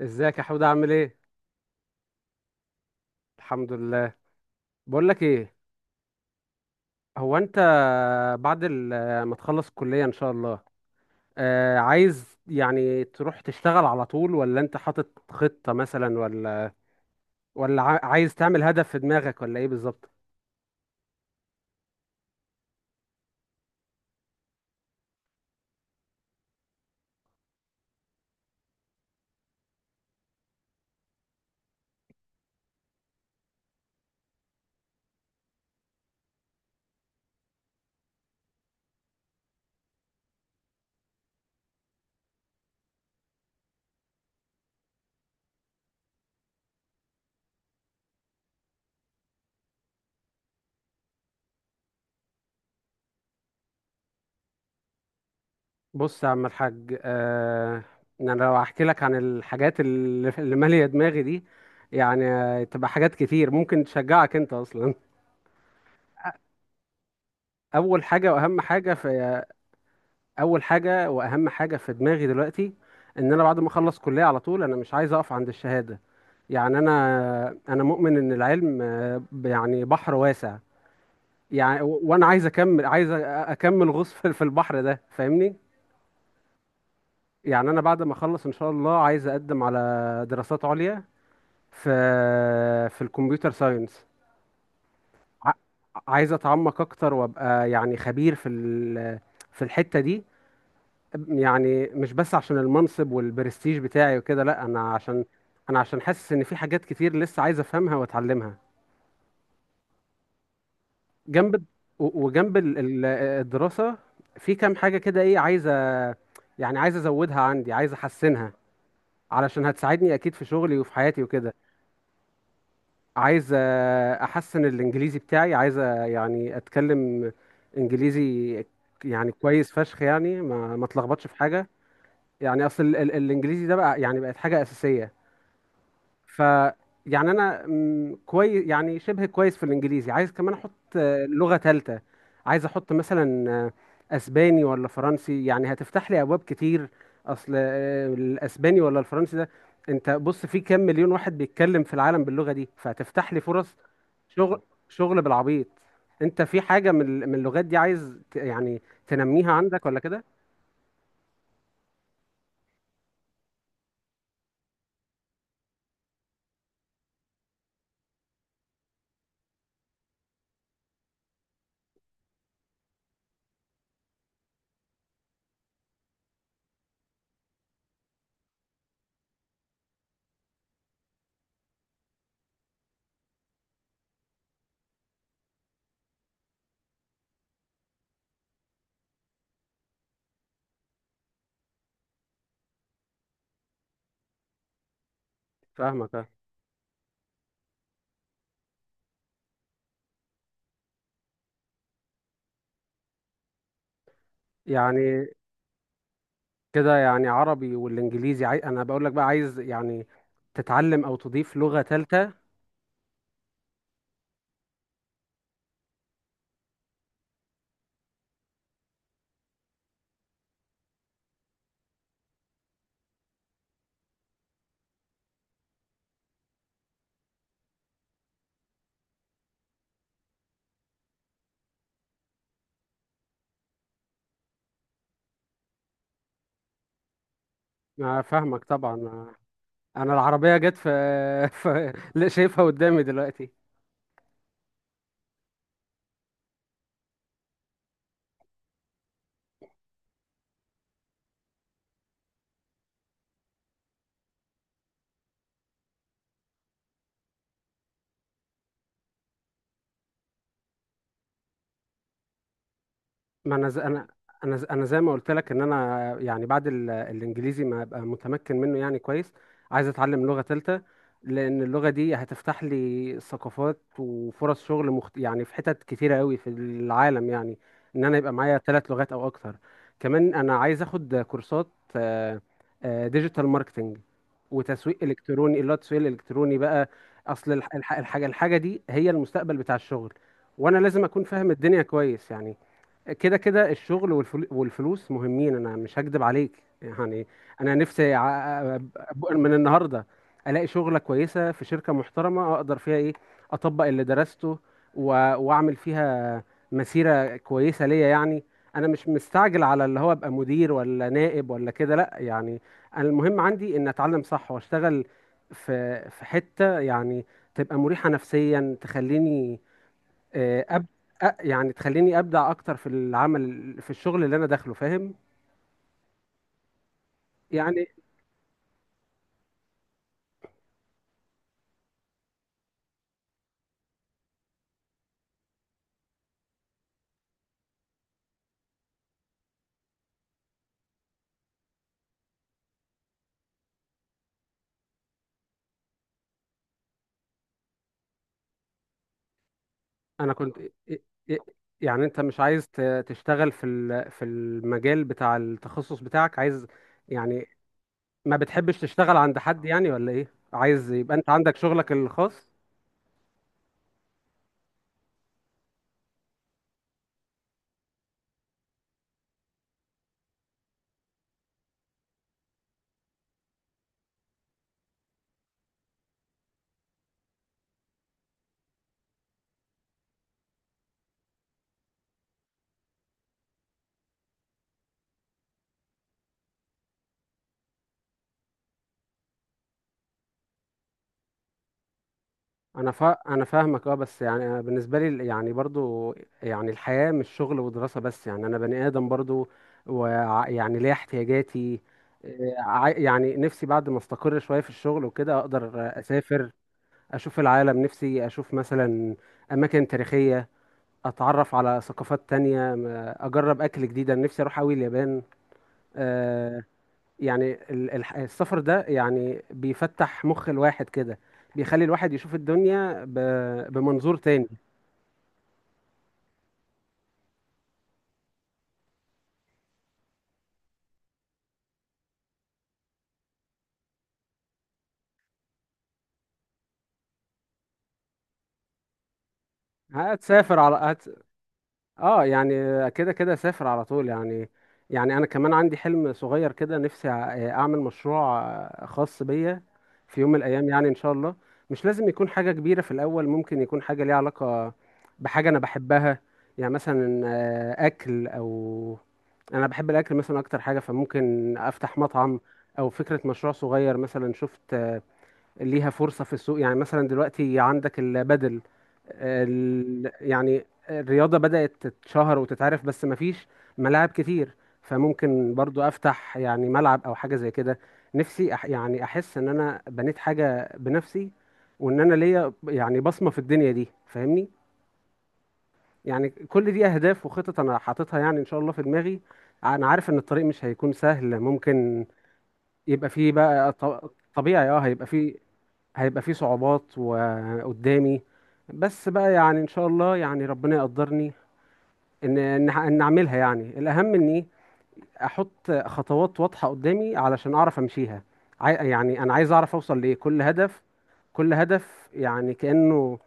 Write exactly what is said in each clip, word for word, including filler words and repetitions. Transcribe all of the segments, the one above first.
ازيك يا حود؟ عامل ايه؟ الحمد لله. بقول لك ايه، هو انت بعد ال- ما تخلص الكلية ان شاء الله، آه، عايز يعني تروح تشتغل على طول، ولا انت حاطط خطة مثلا، ولا ولا عا- عايز تعمل هدف في دماغك ولا ايه بالظبط؟ بص يا عم الحاج، آه، انا لو احكي لك عن الحاجات اللي اللي مالية دماغي دي يعني آه، تبقى حاجات كتير ممكن تشجعك انت اصلا. اول حاجة واهم حاجة في، اول حاجه واهم حاجه في دماغي دلوقتي ان انا بعد ما اخلص كليه على طول انا مش عايز اقف عند الشهاده. يعني انا انا مؤمن ان العلم آه، ب- يعني بحر واسع. يعني و- وانا عايز اكمل، عايز أ- اكمل غوص في في البحر ده فاهمني. يعني انا بعد ما اخلص ان شاء الله عايز اقدم على دراسات عليا في في الكمبيوتر ساينس. ع- عايز اتعمق اكتر وابقى يعني خبير في ال- في الحته دي. يعني مش بس عشان المنصب والبرستيج بتاعي وكده، لا، انا عشان انا عشان حاسس ان في حاجات كتير لسه عايز افهمها واتعلمها جنب و- وجنب ال- ال- الدراسة. في كام حاجة كده ايه عايز أ- يعني عايز ازودها عندي، عايز احسنها علشان هتساعدني اكيد في شغلي وفي حياتي وكده. عايز أ- احسن الانجليزي بتاعي، عايز أ- يعني اتكلم انجليزي يعني كويس فشخ، يعني ما ما اتلخبطش في حاجة. يعني اصل ال- ال- الانجليزي ده بقى يعني بقت حاجة اساسية. ف يعني انا كويس، يعني شبه كويس في الانجليزي، عايز كمان احط آه، لغة ثالثة. عايز احط مثلا آه، اسباني ولا فرنسي، يعني هتفتح لي ابواب كتير. اصل آه، الاسباني ولا الفرنسي ده، انت بص في كام مليون واحد بيتكلم في العالم باللغة دي، فهتفتح لي فرص شغل، شغل بالعبيط. انت في حاجة من ال- من اللغات دي عايز ت- يعني تنميها عندك ولا كده؟ فاهمك. آه. يعني كده يعني عربي والانجليزي عاي... انا بقول لك بقى عايز يعني تتعلم او تضيف لغة ثالثة. ما فاهمك طبعا، ما- انا العربية جت في، في... لا شايفها قدامي دلوقتي. ما انا ز... انا انا ز... انا زي ما قلت لك ان انا يعني بعد ال... الانجليزي ما ابقى متمكن منه يعني كويس، عايز اتعلم لغة تالتة لان اللغة دي هتفتح لي ثقافات وفرص شغل مخت... يعني في حتت كتيرة قوي في العالم، يعني ان انا يبقى معايا ثلاث لغات او اكتر. كمان انا عايز اخد كورسات ديجيتال ماركتنج وتسويق الكتروني، اللي هو التسويق الالكتروني بقى. اصل الح... الح... الحاجة الحاجة دي هي المستقبل بتاع الشغل، وانا لازم اكون فاهم الدنيا كويس يعني. كده كده الشغل والفل- والفلوس مهمين، انا مش هكدب عليك. يعني انا نفسي ع- أب- من النهارده الاقي شغله كويسه في شركه محترمه اقدر فيها ايه، اطبق اللي درسته، و- واعمل فيها مسيره كويسه ليا يعني. انا مش مستعجل على اللي هو ابقى مدير ولا نائب ولا كده، لا يعني. أنا المهم عندي ان اتعلم صح واشتغل في في حته يعني تبقى مريحه نفسيا، تخليني آه، أب... أ- يعني تخليني ابدع اكتر في العمل، في الشغل اللي انا داخله فاهم. يعني انا كنت إ- إ- يعني انت مش عايز ت- تشتغل في ال- في المجال بتاع التخصص بتاعك، عايز يعني ما بتحبش تشتغل عند حد يعني، ولا ايه؟ عايز يبقى انت عندك شغلك الخاص؟ انا فا... انا فاهمك اه، بس يعني انا بالنسبه لي يعني برضو يعني الحياه مش شغل ودراسه بس، يعني انا بني ادم برضو ويعني ليا احتياجاتي. إيه، عا- يعني نفسي بعد ما استقر شويه في الشغل وكده اقدر اسافر، اشوف العالم. نفسي اشوف مثلا اماكن تاريخيه، اتعرف على ثقافات تانية، م- اجرب اكل جديد. انا نفسي اروح اوي اليابان. آه، يعني ال- الح- السفر ده يعني بيفتح مخ الواحد كده، بيخلي الواحد يشوف الدنيا ب- بمنظور تاني. هتسافر على هت... اه يعني كده كده سافر على طول يعني. يعني انا كمان عندي حلم صغير كده، نفسي أع- اعمل مشروع خاص بيا في يوم من الايام يعني ان شاء الله. مش لازم يكون حاجة كبيرة في الاول، ممكن يكون حاجة ليها علاقة بحاجة انا بحبها. يعني مثلا آه، اكل او، انا بحب الاكل مثلا اكتر حاجه، فممكن افتح مطعم. او فكره مشروع صغير مثلا شفت آه، ليها فرصه في السوق، يعني مثلا دلوقتي عندك البدل، آه، ال- يعني الرياضه بدات تتشهر وتتعرف، بس مفيش ملاعب كتير، فممكن برضو افتح يعني ملعب او حاجه زي كده. نفسي أح يعني احس ان انا بنيت حاجه بنفسي، وان انا ليا يعني بصمه في الدنيا دي فاهمني. يعني كل دي اهداف وخطط انا حاططها يعني ان شاء الله في دماغي. انا عارف ان الطريق مش هيكون سهل، ممكن يبقى فيه بقى ط- طبيعي اه هيبقى فيه، هيبقى فيه صعوبات وقدامي، بس بقى يعني ان شاء الله يعني ربنا يقدرني ان ان ان اعملها. يعني الاهم اني احط خطوات واضحة قدامي علشان اعرف امشيها. عاي- يعني انا عايز اعرف اوصل لايه كل هدف. كل هدف يعني كأنه،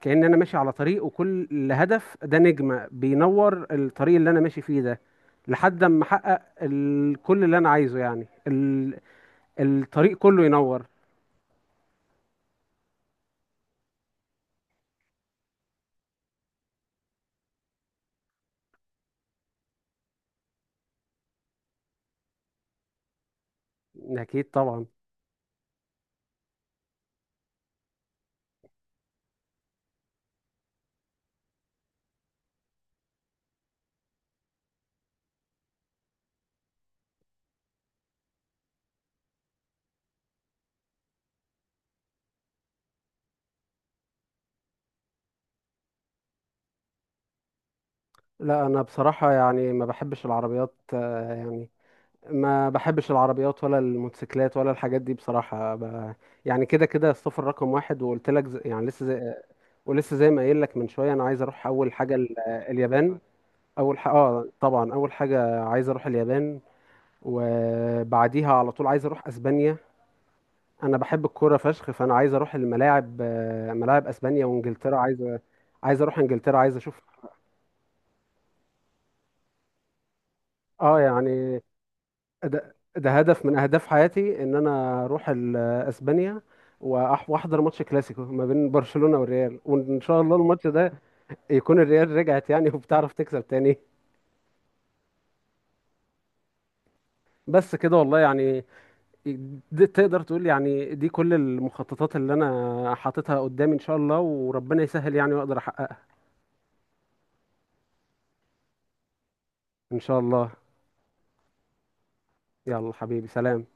كأن انا ماشي على طريق وكل هدف ده نجمة بينور الطريق اللي انا ماشي فيه ده، لحد اما احقق ال... كل اللي انا عايزه، يعني ال... الطريق كله ينور. اكيد طبعا. لا انا بصراحة يعني ما بحبش العربيات، آه، يعني ما بحبش العربيات ولا الموتوسيكلات ولا الحاجات دي بصراحة ب... يعني كده كده السفر رقم واحد، وقلت لك ز... يعني لسه زي... ولسه زي ما قايل لك من شوية، انا عايز اروح اول حاجة ال- اليابان. اول حاجة اه طبعا، اول حاجة عايز اروح اليابان، وبعديها على طول عايز اروح اسبانيا. انا بحب الكوره فشخ، فانا عايز اروح الملاعب، آه، ملاعب اسبانيا وانجلترا. عايز عايز اروح انجلترا، عايز اشوف، اه يعني ده, ده هدف من اهداف حياتي ان انا اروح ال- اسبانيا وأح- واحضر ماتش كلاسيكو ما بين برشلونة والريال، وان شاء الله الماتش ده يكون الريال رجعت يعني وبتعرف تكسب تاني. بس كده والله يعني، دي تقدر تقول يعني دي كل المخططات اللي انا حاططها قدامي ان شاء الله، وربنا يسهل يعني واقدر احققها. ان شاء الله. يلا حبيبي، سلام.